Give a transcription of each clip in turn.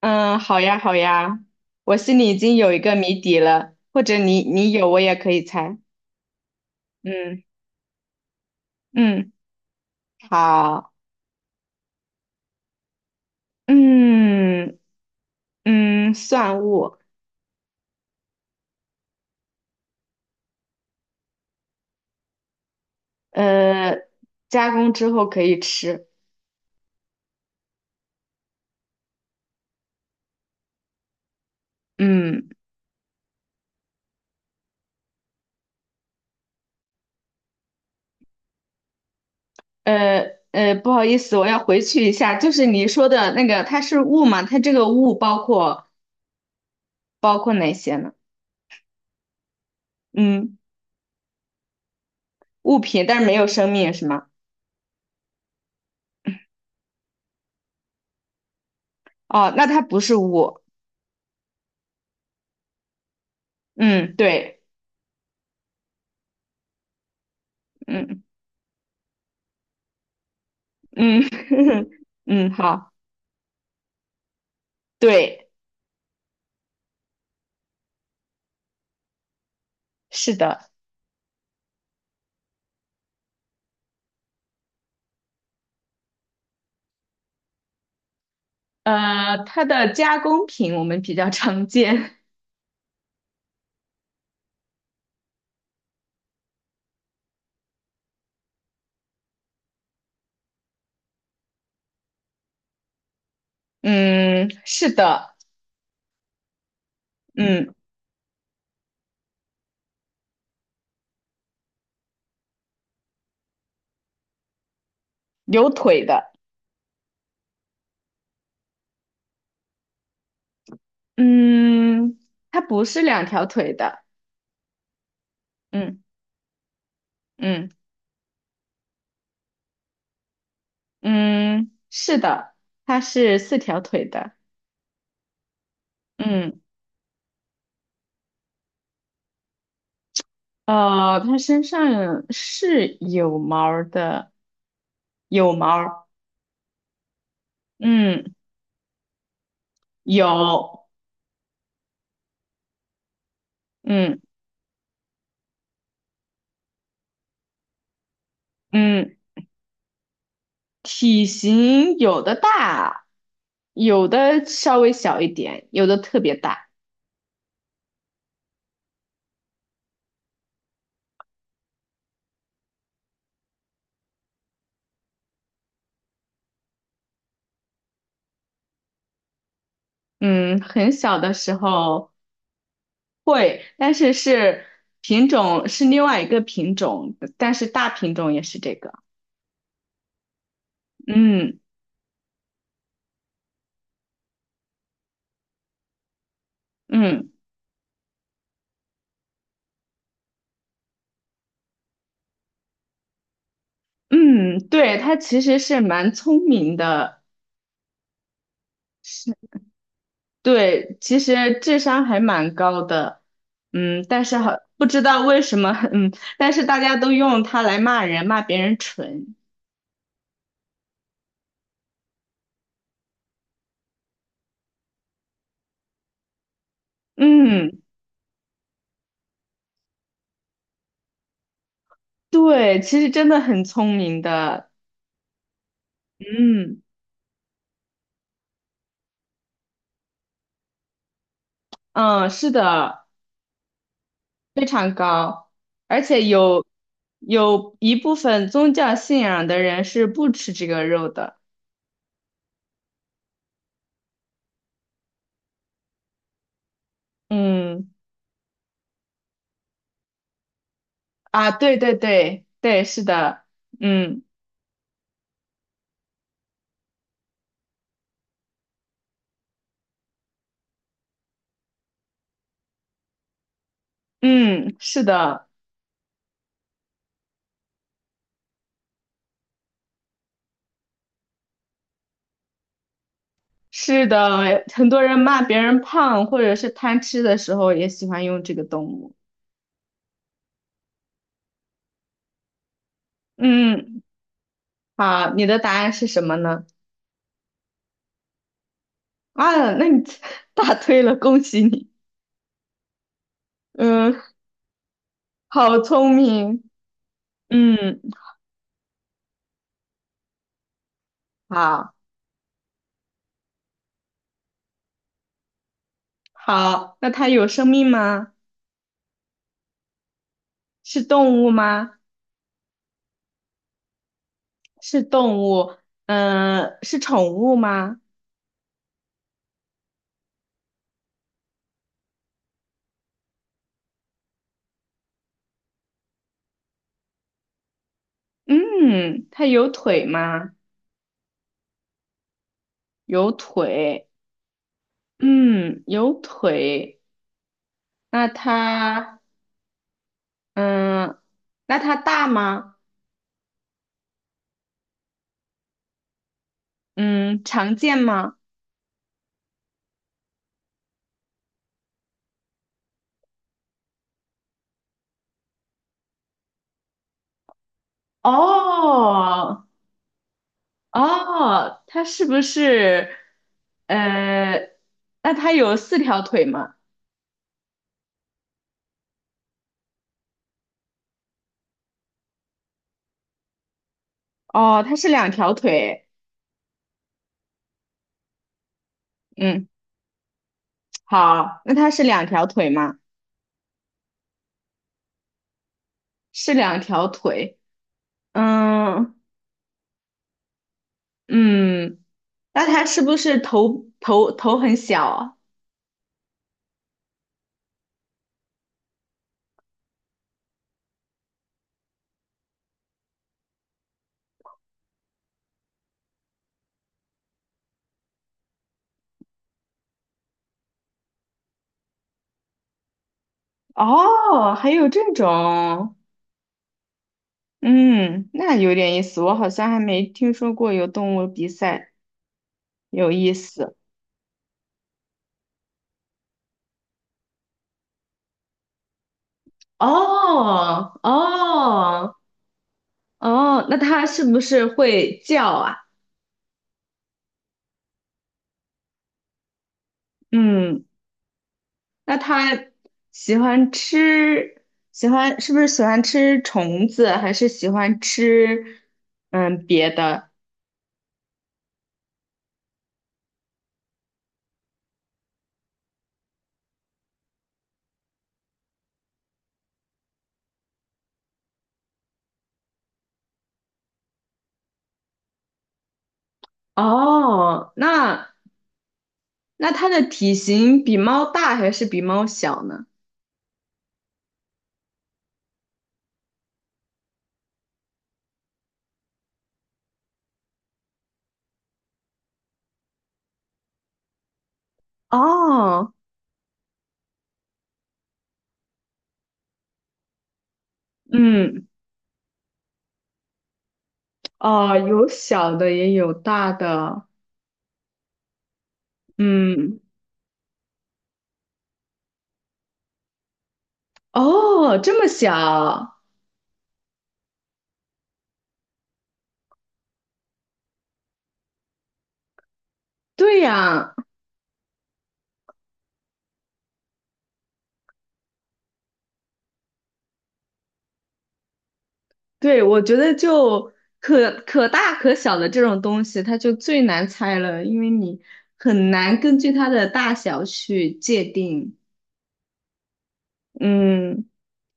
嗯，好呀，好呀，我心里已经有一个谜底了，或者你有，我也可以猜。嗯嗯，好，嗯嗯，蒜物，呃，加工之后可以吃。嗯，不好意思，我要回去一下，就是你说的那个，它是物嘛？它这个物包括哪些呢？嗯，物品，但是没有生命是吗？哦，那它不是物。嗯，对，嗯嗯 嗯，好。对，是的，它的加工品我们比较常见。嗯，是的，嗯，有腿的，嗯，它不是两条腿的，嗯嗯嗯，是的，它是四条腿的，嗯，它身上是有毛儿的，有毛儿嗯，有，嗯嗯。体型有的大，有的稍微小一点，有的特别大。嗯，很小的时候会，但是是品种是另外一个品种，但是大品种也是这个。嗯嗯嗯，对，它其实是蛮聪明的，是，对，其实智商还蛮高的。嗯，但是好，不知道为什么，嗯，但是大家都用它来骂人，骂别人蠢。嗯。对，其实真的很聪明的，嗯，嗯，是的，非常高，而且有一部分宗教信仰的人是不吃这个肉的，嗯，啊，对对对对，是的，嗯嗯，是的，是的，很多人骂别人胖或者是贪吃的时候也喜欢用这个动物，嗯，好，你的答案是什么呢？啊，那你 答对了，恭喜你，嗯。好聪明，嗯，好，好，那它有生命吗？是动物吗？是动物，嗯、是宠物吗？嗯，它有腿吗？有腿，嗯，有腿。那它，嗯，那它大吗？嗯，常见吗？哦，哦，它是不是，呃，那它有四条腿吗？哦，它是两条腿。嗯，好，那它是两条腿吗？是两条腿。嗯嗯，那它是不是头很小啊哦，还有这种，嗯，那有点意思，我好像还没听说过有动物比赛，有意思。哦哦哦，那它是不是会叫啊？嗯。那它喜欢吃，喜欢是不是喜欢吃虫子，还是喜欢吃嗯别的？哦，那那它的体型比猫大还是比猫小呢？哦，嗯，哦，有小的也有大的，嗯，哦，这么小，对呀。对，我觉得就可大可小的这种东西，它就最难猜了，因为你很难根据它的大小去界定。嗯，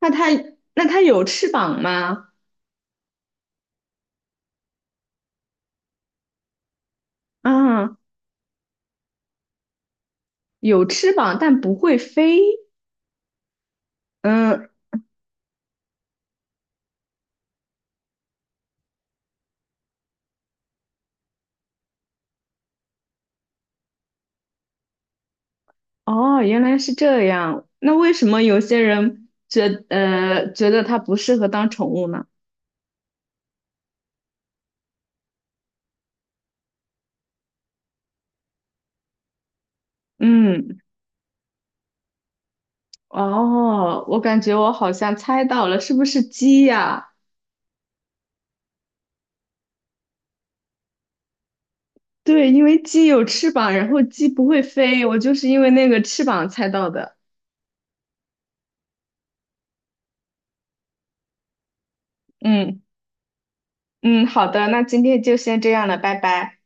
那它那它有翅膀吗？啊，有翅膀，但不会飞。嗯，哦，原来是这样。那为什么有些人觉得它不适合当宠物呢？嗯，哦，我感觉我好像猜到了，是不是鸡呀？对，因为鸡有翅膀，然后鸡不会飞，我就是因为那个翅膀猜到的。嗯嗯，好的，那今天就先这样了，拜拜。